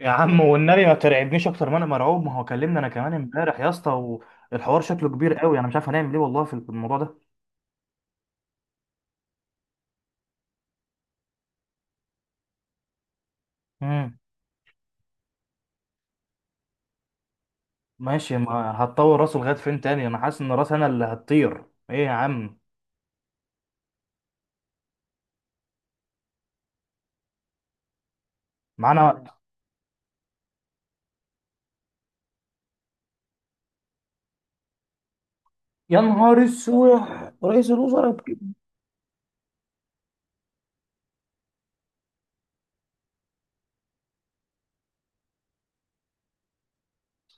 يا عم والنبي ما ترعبنيش اكتر ما انا مرعوب. ما هو كلمنا انا كمان امبارح يا اسطى، والحوار شكله كبير قوي، انا مش عارف هنعمل ايه والله في الموضوع ده. امم ماشي، ما هتطور راسه لغايه فين تاني؟ انا حاسس ان راس انا اللي هتطير. ايه يا عم؟ معانا. يا نهار اسود، رئيس الوزراء بجد.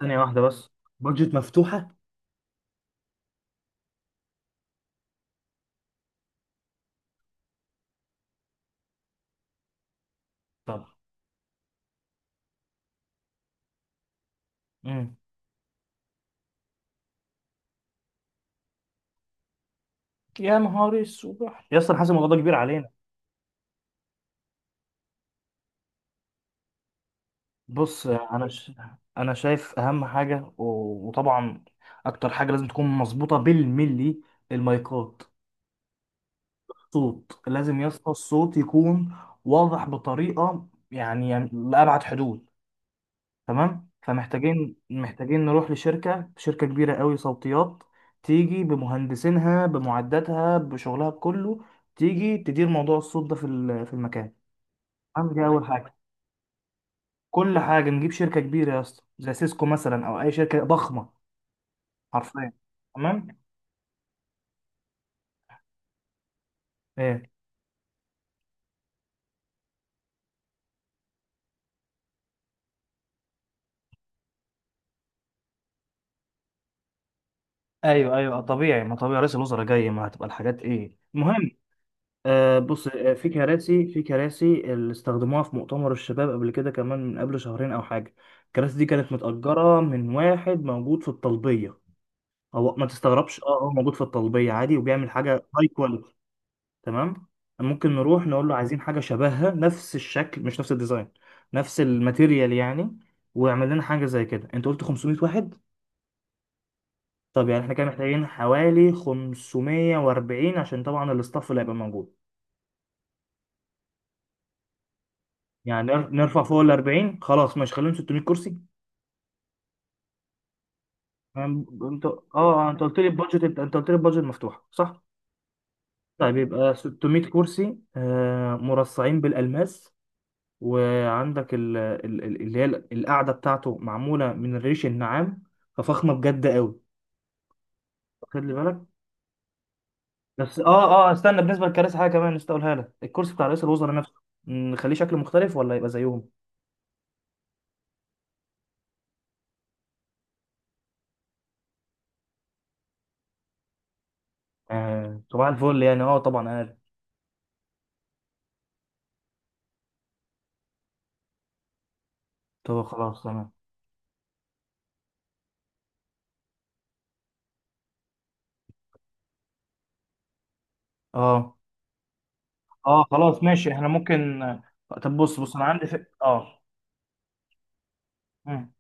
ثانيه واحده بس، بادجت مفتوحة؟ طب. امم يا نهار اسود يا اسطى، انا حاسس الموضوع ده كبير علينا. بص انا ش... انا شايف اهم حاجه وطبعا اكتر حاجه لازم تكون مظبوطه بالملي، المايكات. صوت لازم يا اسطى، الصوت يكون واضح بطريقه، يعني يعني لأبعد حدود. تمام، فمحتاجين نروح لشركه، شركه كبيره قوي صوتيات، تيجي بمهندسينها بمعداتها بشغلها بكله، تيجي تدير موضوع الصوت ده في المكان. تمام، دي اول حاجه. كل حاجه نجيب شركه كبيره يا اسطى، زي سيسكو مثلا او اي شركه ضخمه. حرفيا. تمام. ايه؟ ايوه ايوه طبيعي، ما طبيعي رئيس الوزراء جاي، ما هتبقى الحاجات ايه المهم. بص، في كراسي، في كراسي اللي استخدموها في مؤتمر الشباب قبل كده، كمان من قبل شهرين او حاجه. الكراسي دي كانت متأجرة من واحد موجود في الطلبيه. هو ما تستغربش، اه هو موجود في الطلبيه عادي، وبيعمل حاجه هاي كواليتي. تمام. ممكن نروح نقول له عايزين حاجه شبهها، نفس الشكل مش نفس الديزاين، نفس الماتيريال يعني. ويعمل لنا حاجه زي كده. انت قلت 500 واحد، طب يعني احنا كده محتاجين حوالي 540، عشان طبعا الاستاف اللي هيبقى موجود. يعني نرفع فوق ال 40، خلاص ماشي خليهم 600 كرسي. يعني انت، اه انت قلت لي البادجت، انت قلت لي البادجت مفتوحه صح؟ طيب يبقى 600 كرسي، مرصعين بالالماس. وعندك اللي هي القعده بتاعته معموله من الريش النعام، ففخمه بجد قوي. واخد لي بالك؟ بس استنى، بالنسبه للكراسي حاجه كمان نسيت اقولها لك، الكرسي بتاع رئيس الوزراء نفسه، نخليه شكله مختلف ولا يبقى زيهم؟ آه صباح الفل يعني، اه طبعا اقل. طب خلاص تمام. اه اه خلاص ماشي، احنا ممكن. طب بص، بص انا عندي فك... اه مم.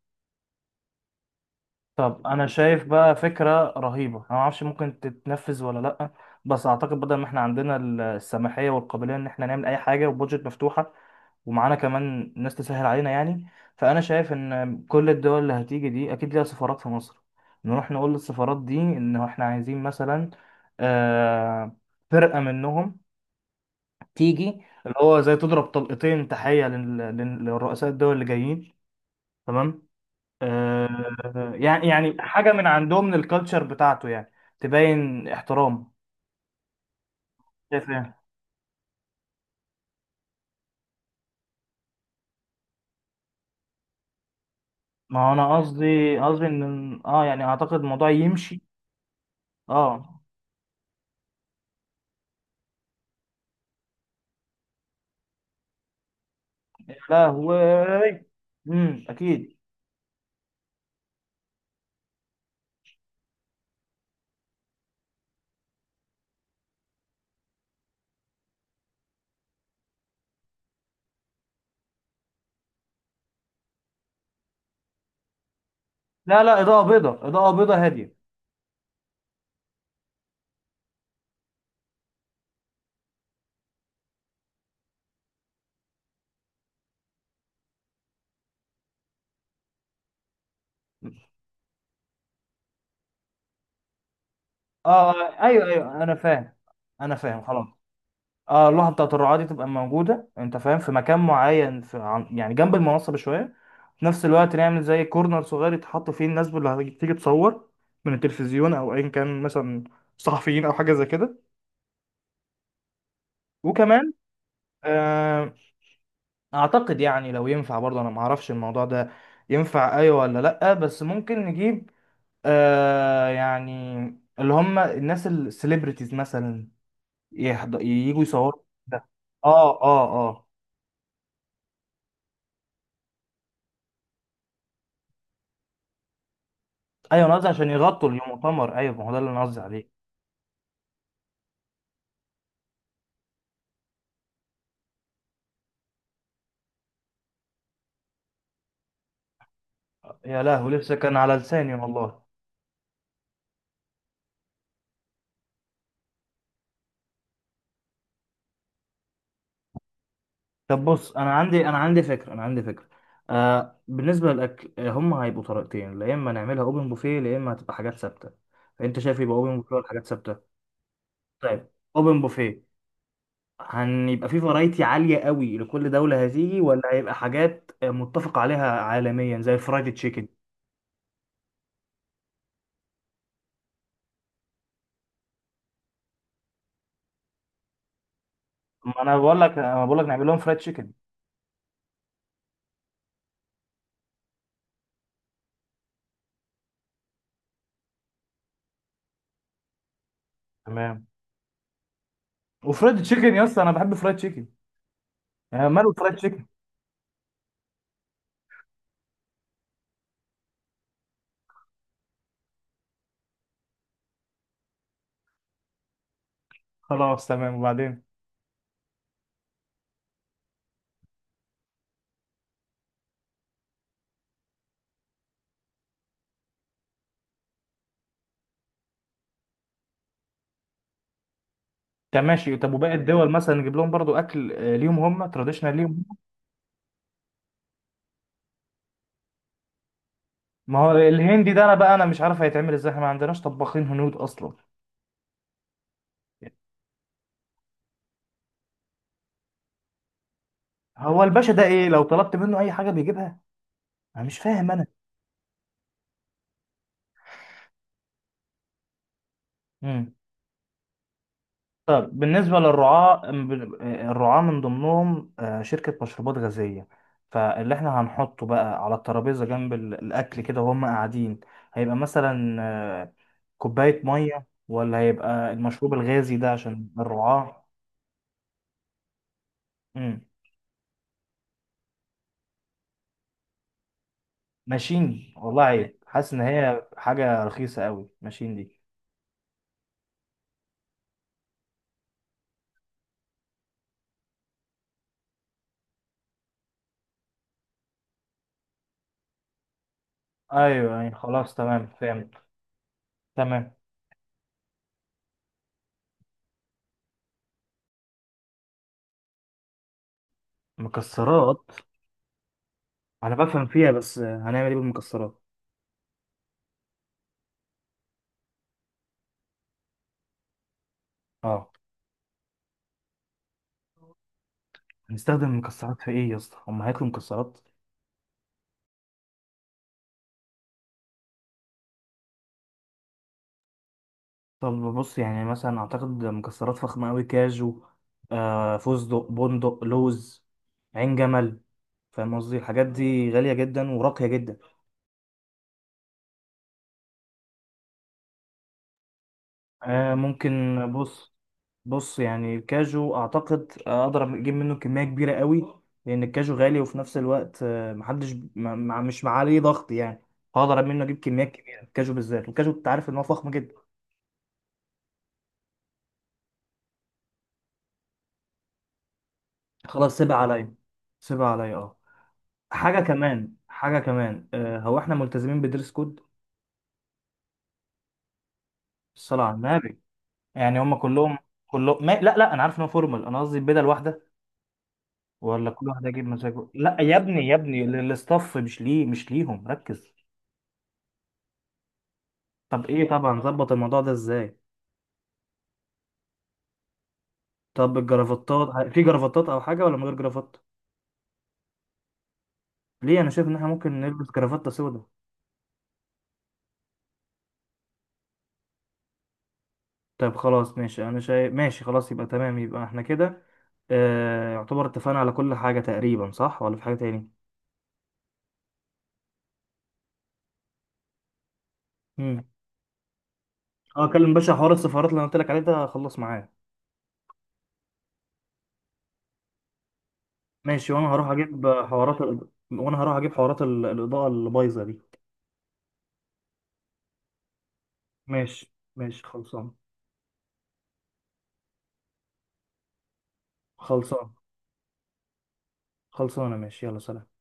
طب انا شايف بقى فكرة رهيبة، انا ما اعرفش ممكن تتنفذ ولا لا، بس اعتقد بدل ما احنا عندنا السماحية والقابلية ان احنا نعمل اي حاجة وبودجت مفتوحة، ومعانا كمان ناس تسهل علينا يعني. فانا شايف ان كل الدول اللي هتيجي دي اكيد ليها سفارات في مصر. نروح نقول للسفارات دي ان احنا عايزين مثلا آه، فرقة منهم تيجي، اللي هو زي تضرب طلقتين تحية للرؤساء الدول اللي جايين. تمام. يعني يعني حاجة من عندهم، من الكالتشر بتاعته يعني، تبين احترام. شايف ايه؟ ما هو انا قصدي، قصدي ان اه يعني اعتقد الموضوع يمشي. اه. لا هو. اكيد. لا لا، اضاءة بيضاء، اضاءة بيضاء هادية. اه. ايوه ايوه انا فاهم، انا فاهم خلاص. اه، اللوحه بتاعت الرعاه دي تبقى موجوده، انت فاهم، في مكان معين في يعني جنب المنصه بشويه. في نفس الوقت نعمل زي كورنر صغير يتحط فيه الناس اللي هتيجي تصور، من التلفزيون او ايا كان مثلا، صحفيين او حاجه زي كده. وكمان آه اعتقد يعني لو ينفع برضه، انا ما اعرفش الموضوع ده ينفع ايوه ولا لا، بس ممكن نجيب يعني اللي هم الناس السليبرتيز مثلا، يجوا يصوروا ده. اه اه. آه. ايوه، انا قصدي عشان يغطوا المؤتمر، ايوه ما هو ده اللي انا قصدي عليه. يا لهوي، لسه كان على لساني والله. طب بص، انا عندي، انا عندي فكره. آه بالنسبه للاكل، هم هيبقوا طريقتين، يا اما نعملها اوبن بوفيه يا اما هتبقى حاجات ثابته. فانت شايف يبقى اوبن بوفيه ولا حاجات ثابته؟ طيب، اوبن بوفيه. هنبقى في فرايتي عاليه قوي لكل دوله هتيجي، ولا هيبقى حاجات متفق عليها عالميا زي فرايد تشيكن؟ ما انا بقول لك، انا بقول لك نعمل لهم فرايد تشيكن. تمام. وفرايد تشيكن يا اسطى، انا بحب فرايد تشيكن. يعني ماله فرايد تشيكن؟ خلاص تمام. وبعدين، طب ماشي، طب وباقي الدول مثلا نجيب لهم برضو اكل ليهم، هم تراديشنال ليهم. ما هو الهندي ده انا بقى، انا مش عارف هيتعمل ازاي، احنا ما عندناش طباخين هنود اصلا. هو الباشا ده ايه، لو طلبت منه اي حاجه بيجيبها؟ انا مش فاهم. انا. طب بالنسبة للرعاة، الرعاة من ضمنهم شركة مشروبات غازية. فاللي احنا هنحطه بقى على الترابيزة جنب الأكل كده وهم قاعدين، هيبقى مثلا آه، كوباية مية ولا هيبقى المشروب الغازي ده عشان الرعاة؟ مم. ماشين؟ والله عيب، حاسس إن هي حاجة رخيصة قوي ماشين دي. أيوه أيوه خلاص تمام، فهمت. تمام. مكسرات؟ أنا بفهم فيها، بس هنعمل إيه بالمكسرات؟ اه. هنستخدم مكسرات في ايه يا اسطى، هم هياكلوا مكسرات؟ طب بص، يعني مثلا اعتقد مكسرات فخمه قوي، كاجو، فستق، بندق، لوز، عين جمل. فاهم قصدي؟ الحاجات دي غاليه جدا وراقيه جدا. آه ممكن. بص، بص يعني الكاجو اعتقد اقدر اجيب منه كميه كبيره قوي، لان الكاجو غالي وفي نفس الوقت محدش مش عليه ضغط يعني. هقدر منه اجيب كميات كبيره، الكاجو بالذات، الكاجو انت عارف ان هو فخم جدا. خلاص سيبها عليا، سيبها عليا اه. حاجة كمان، حاجة كمان، هو احنا ملتزمين بدرس كود؟ الصلاة على النبي. يعني هم كلهم، كلهم ما... لا لا انا عارف ان هو فورمال، انا قصدي البدل واحدة ولا كل واحد يجيب مزاجه؟ لا يا ابني يا ابني للاستاف، مش ليه، مش ليهم، ركز. طب ايه طبعا؟ ظبط الموضوع ده ازاي؟ طب الجرافطات، في جرافطات او حاجة ولا من غير جرافطة؟ ليه؟ انا شايف ان احنا ممكن نلبس جرافطة سودا. طب خلاص ماشي، انا شايف ماشي خلاص، يبقى تمام، يبقى احنا كده يعتبر اتفقنا على كل حاجة تقريبا صح، ولا في حاجة تاني؟ مم. اه اكلم باشا، حوار السفارات اللي انا قلت لك عليه ده خلص معايا. ماشي، وانا هروح اجيب حوارات ال... وانا هروح اجيب حوارات ال... الاضاءه اللي بايظه دي. ماشي ماشي خلصان. خلصان. خلصانه، ماشي، يلا سلام.